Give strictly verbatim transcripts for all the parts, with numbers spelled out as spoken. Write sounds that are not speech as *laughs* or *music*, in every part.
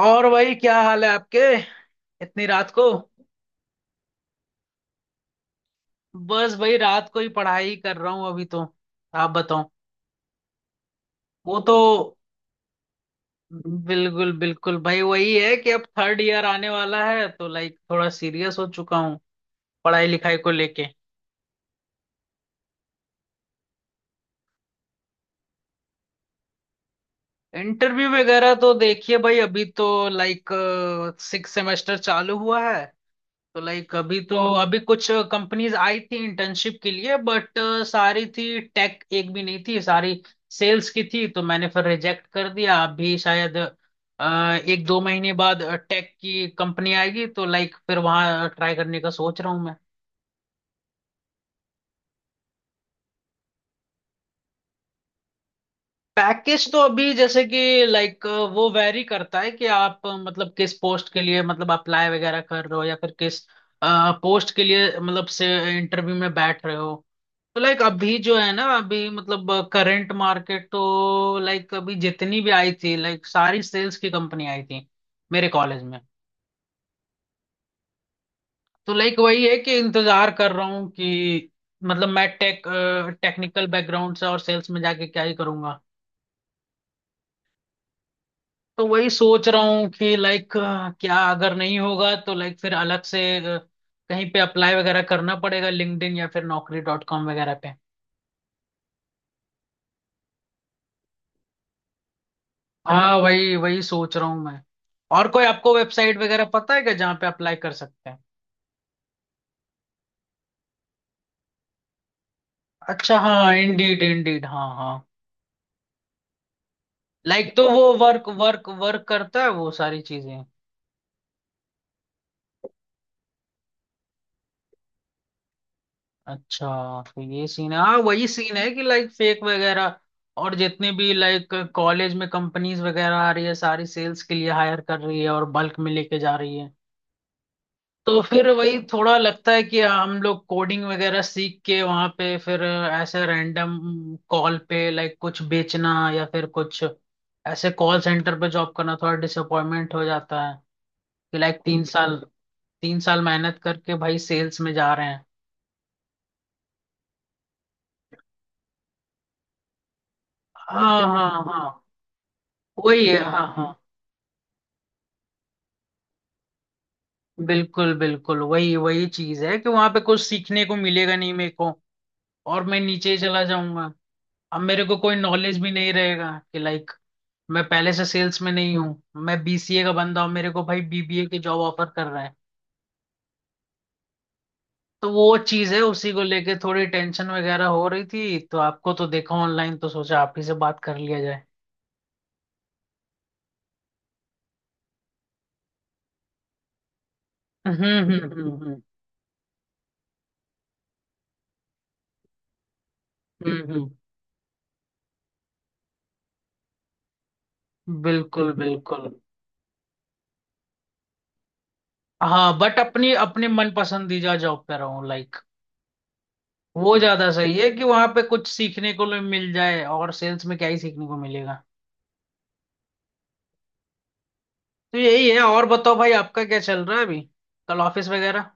और भाई, क्या हाल है आपके इतनी रात को। बस भाई, रात को ही पढ़ाई कर रहा हूँ अभी तो। आप बताओ। वो तो। बिल्कुल बिल्कुल भाई, वही है कि अब थर्ड ईयर आने वाला है तो लाइक थोड़ा सीरियस हो चुका हूँ पढ़ाई लिखाई को लेके। इंटरव्यू वगैरह तो देखिए भाई, अभी तो लाइक सिक्स सेमेस्टर चालू हुआ है। तो लाइक अभी तो अभी कुछ कंपनीज आई थी इंटर्नशिप के लिए, बट सारी थी। टेक एक भी नहीं थी, सारी सेल्स की थी। तो मैंने फिर रिजेक्ट कर दिया। अभी शायद अ, एक दो महीने बाद टेक की कंपनी आएगी तो लाइक फिर वहां ट्राई करने का सोच रहा हूँ मैं। पैकेज तो अभी जैसे कि लाइक वो वैरी करता है कि आप अ, मतलब किस पोस्ट के लिए मतलब अप्लाई वगैरह कर रहे हो या फिर किस पोस्ट के लिए मतलब से इंटरव्यू में बैठ रहे हो। तो लाइक अभी जो है ना, अभी मतलब करंट मार्केट तो लाइक अभी जितनी भी आई थी, लाइक सारी सेल्स की कंपनी आई थी मेरे कॉलेज में। तो लाइक वही है कि इंतजार कर रहा हूँ कि मतलब मैं टेक टेक्निकल बैकग्राउंड से, और सेल्स में जाके क्या ही करूंगा। तो वही सोच रहा हूँ कि लाइक क्या अगर नहीं होगा तो लाइक फिर अलग से अ, कहीं पे अप्लाई वगैरह करना पड़ेगा, लिंक्डइन या फिर नौकरी डॉट कॉम वगैरह पे। हाँ, वही वही सोच रहा हूँ मैं। और कोई आपको वेबसाइट वगैरह पता है क्या जहाँ पे अप्लाई कर सकते हैं? अच्छा, हाँ, इंडीड इंडीड, हाँ हाँ। लाइक तो वो वर्क वर्क वर्क करता है, वो सारी चीजें। अच्छा। तो ये सीन है। हाँ, वही सीन है कि लाइक फेक वगैरह। और जितने भी लाइक कॉलेज में कंपनीज वगैरह आ रही है सारी सेल्स के लिए हायर कर रही है और बल्क में लेके जा रही है। तो फिर वही थोड़ा लगता है कि हम लोग कोडिंग वगैरह सीख के वहां पे फिर ऐसे रैंडम कॉल पे लाइक कुछ बेचना या फिर कुछ ऐसे कॉल सेंटर पे जॉब करना थोड़ा डिसअपॉइंटमेंट हो जाता है, कि लाइक तीन साल तीन साल मेहनत करके भाई सेल्स में जा रहे हैं। हाँ हाँ हाँ, वही है। हाँ हाँ, बिल्कुल बिल्कुल वही वही चीज है कि वहां पे कुछ सीखने को मिलेगा नहीं मेरे को, और मैं नीचे ही चला जाऊंगा। अब मेरे को कोई नॉलेज भी नहीं रहेगा, कि लाइक मैं पहले से सेल्स में नहीं हूँ। मैं बीसीए का बंदा हूँ, मेरे को भाई बीबीए की जॉब ऑफर कर रहा है। तो वो चीज़ है, उसी को लेके थोड़ी टेंशन वगैरह हो रही थी, तो आपको तो देखा ऑनलाइन, तो सोचा आप ही से बात कर लिया जाए। हम्म हम्म, हम्म हम्म, हम्म, बिल्कुल बिल्कुल। हाँ, बट अपनी अपनी मन पसंदीदा जॉब पे रहूं लाइक, वो ज्यादा सही है कि वहां पे कुछ सीखने को भी मिल जाए। और सेल्स में क्या ही सीखने को मिलेगा? तो यही है। और बताओ भाई, आपका क्या चल रहा है अभी? कल ऑफिस वगैरह?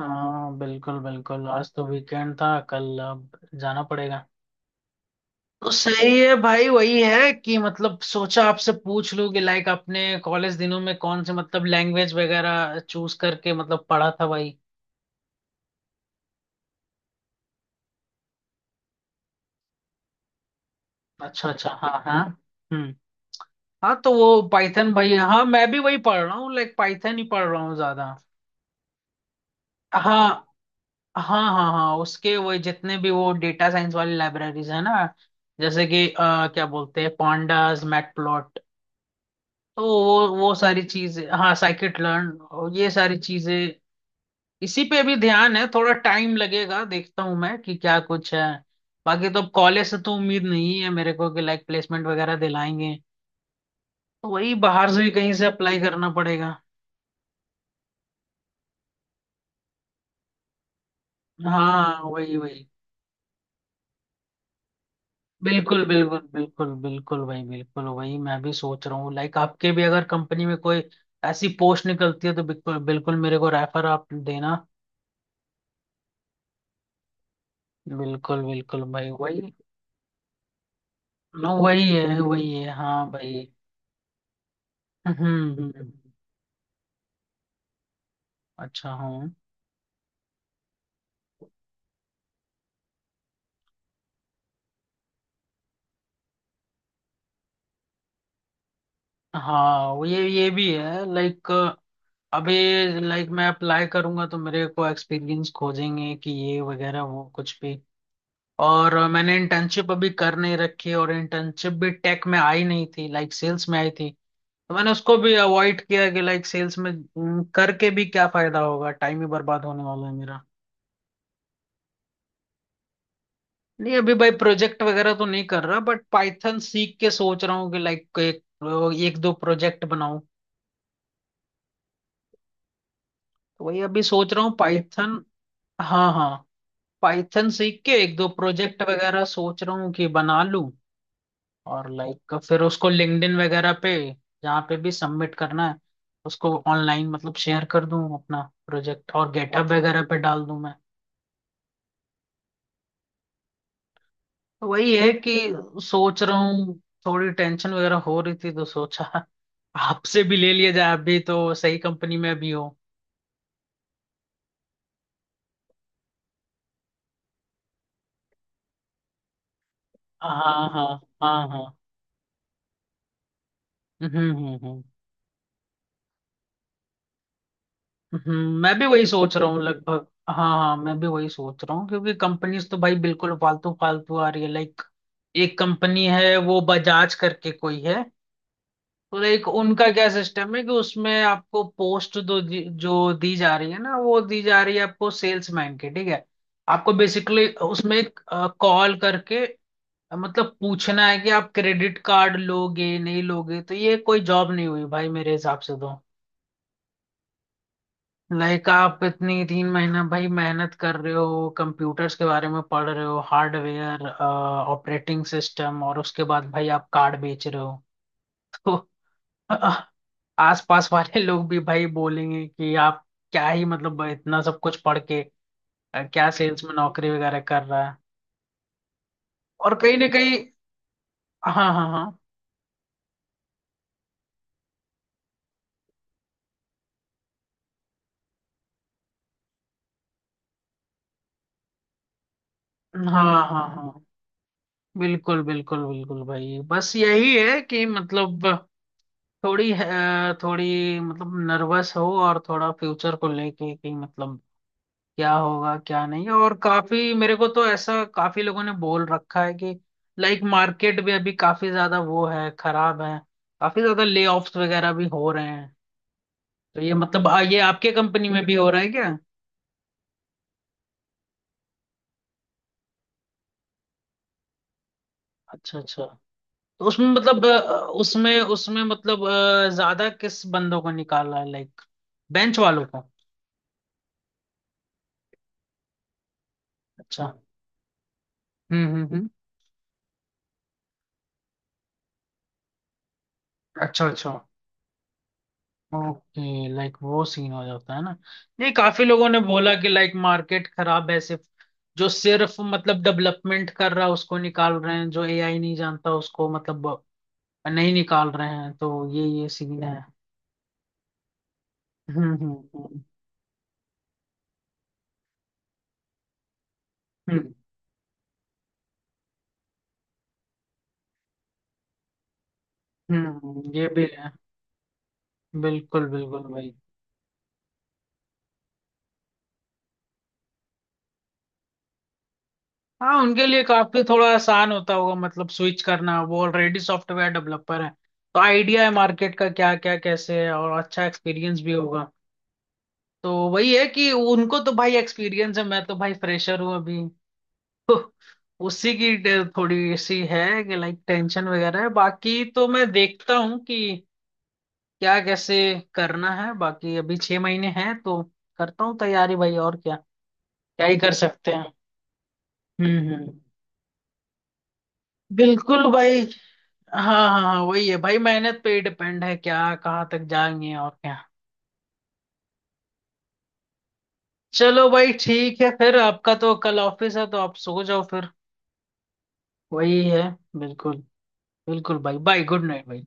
हाँ, बिल्कुल बिल्कुल, आज तो वीकेंड था, कल अब जाना पड़ेगा। तो सही है भाई, वही है कि मतलब सोचा आपसे पूछ लूं कि लाइक आपने कॉलेज दिनों में कौन से मतलब लैंग्वेज वगैरह चूज करके मतलब पढ़ा था भाई? अच्छा अच्छा, हाँ हाँ, हम्म। हाँ, तो वो पाइथन भाई, हाँ मैं भी वही पढ़ रहा हूँ, लाइक पाइथन ही पढ़ रहा हूँ ज्यादा। हाँ हाँ हाँ, हाँ उसके वो जितने भी वो डेटा साइंस वाली लाइब्रेरीज है ना, जैसे कि अ, क्या बोलते हैं पांडास, मैटप्लॉट, तो वो वो सारी चीजें, हाँ साइकिट लर्न और ये सारी चीजें। इसी पे भी ध्यान है, थोड़ा टाइम लगेगा, देखता हूँ मैं कि क्या कुछ है। बाकी तो अब कॉलेज से तो उम्मीद नहीं है मेरे को कि लाइक प्लेसमेंट वगैरह दिलाएंगे, तो वही बाहर से भी कहीं से अप्लाई करना पड़ेगा। हाँ वही वही, बिल्कुल बिल्कुल बिल्कुल बिल्कुल भाई, बिल्कुल वही मैं भी सोच रहा हूँ लाइक। आपके भी अगर कंपनी में कोई ऐसी पोस्ट निकलती है तो बिल्कुल बिल्कुल मेरे को रेफर आप देना। बिल्कुल बिल्कुल भाई वही। हाँ, वही है वही है हाँ भाई। हम्म हम्म, हम्म, अच्छा हूँ। हाँ वो ये ये भी है लाइक, अभी, लाइक मैं अप्लाई करूंगा तो मेरे को एक्सपीरियंस खोजेंगे कि ये वगैरह वो कुछ भी। और मैंने इंटर्नशिप अभी कर नहीं रखी, और इंटर्नशिप भी टेक में आई नहीं थी, लाइक सेल्स में आई थी। तो मैंने उसको भी अवॉइड किया कि लाइक सेल्स में हम्म, करके भी क्या फायदा होगा, टाइम ही बर्बाद होने वाला है मेरा। नहीं अभी भाई प्रोजेक्ट वगैरह तो नहीं कर रहा, बट पाइथन सीख के सोच रहा हूँ कि लाइक एक एक दो प्रोजेक्ट बनाऊं। तो वही अभी सोच रहा हूँ पाइथन। हाँ हाँ, पाइथन सीख के एक दो प्रोजेक्ट वगैरह सोच रहा हूँ कि बना लूं। और लाइक फिर उसको लिंक्डइन वगैरह पे, जहाँ पे भी सबमिट करना है उसको ऑनलाइन मतलब शेयर कर दूं, अपना प्रोजेक्ट और गेटअप वगैरह पे डाल दूं मैं। तो वही है कि सोच रहा हूँ, थोड़ी टेंशन वगैरह हो रही थी तो सोचा आपसे भी ले लिया जाए, आप भी तो सही कंपनी में भी हो। हाँ हाँ, हाँ हाँ, हम्म हम्म हम्म, हम्म, मैं भी वही सोच रहा हूँ लगभग, हाँ हाँ मैं भी वही सोच रहा हूँ, क्योंकि कंपनीज तो भाई बिल्कुल फालतू फालतू आ रही है लाइक। एक कंपनी है, वो बजाज करके कोई है, तो लाइक उनका क्या सिस्टम है कि उसमें आपको पोस्ट दो दि- जो दी जा रही है ना वो दी जा रही है आपको सेल्समैन की, ठीक है? आपको बेसिकली उसमें कॉल करके मतलब पूछना है कि आप क्रेडिट कार्ड लोगे नहीं लोगे, तो ये कोई जॉब नहीं हुई भाई मेरे हिसाब से तो। लाइक आप इतनी तीन महीना भाई मेहनत कर रहे हो कंप्यूटर्स के बारे में, पढ़ रहे हो हार्डवेयर ऑपरेटिंग सिस्टम, और उसके बाद भाई आप कार्ड बेच रहे हो। *laughs* तो अ, आसपास वाले लोग भी भाई बोलेंगे कि आप क्या ही मतलब इतना सब कुछ पढ़ के अ, क्या सेल्स में नौकरी वगैरह कर रहा है। और कहीं ना कहीं, हाँ हाँ हाँ, हाँ हाँ हाँ, बिल्कुल बिल्कुल बिल्कुल भाई, बस यही है कि मतलब थोड़ी अ, थोड़ी मतलब नर्वस हो, और थोड़ा फ्यूचर को लेके कि मतलब क्या होगा क्या नहीं। और काफी, मेरे को तो ऐसा काफी लोगों ने बोल रखा है कि लाइक मार्केट भी अभी काफी ज्यादा वो है, खराब है। काफी ज्यादा ले ऑफ्स वगैरह भी हो रहे हैं। तो ये मतलब आ, ये आपके कंपनी में भी हो रहा है क्या? अच्छा अच्छा। तो उसमें मतलब अ, उसमें उसमें मतलब अ, ज्यादा किस बंदों को निकाला है लाइक? बेंच वालों को? अच्छा, हम्म हम्म हम्म, अच्छा अच्छा। ओके, लाइक वो सीन हो जाता है ना। नहीं, काफी लोगों ने बोला कि लाइक मार्केट खराब है सिर्फ, जो सिर्फ मतलब डेवलपमेंट कर रहा है उसको निकाल रहे हैं, जो एआई नहीं जानता उसको मतलब नहीं निकाल रहे हैं, तो ये ये सीन है। हम्म हम्म हम्म, हम्म हम्म, ये भी है। बिल्कुल बिल्कुल भाई। हाँ उनके लिए काफी थोड़ा आसान होता होगा मतलब स्विच करना, वो ऑलरेडी सॉफ्टवेयर डेवलपर है। तो आइडिया है मार्केट का क्या क्या कैसे है, और अच्छा एक्सपीरियंस भी होगा। तो वही है कि उनको तो भाई एक्सपीरियंस है, मैं तो भाई फ्रेशर हूँ अभी। *laughs* तो उसी की टे- थोड़ी सी है कि लाइक टेंशन वगैरह है। बाकी तो मैं देखता हूँ कि क्या कैसे करना है। बाकी अभी छह महीने हैं तो करता हूँ तैयारी भाई और क्या? क्या ही कर सकते हैं। हम्म हम्म, बिल्कुल भाई। हाँ। हाँ हाँ, वही है भाई मेहनत पे ही डिपेंड है क्या कहाँ तक जाएंगे और क्या। चलो भाई ठीक है फिर, आपका तो कल ऑफिस है तो आप सो जाओ फिर। वही है। बिल्कुल, बिल्कुल भाई, बाय, गुड नाइट भाई।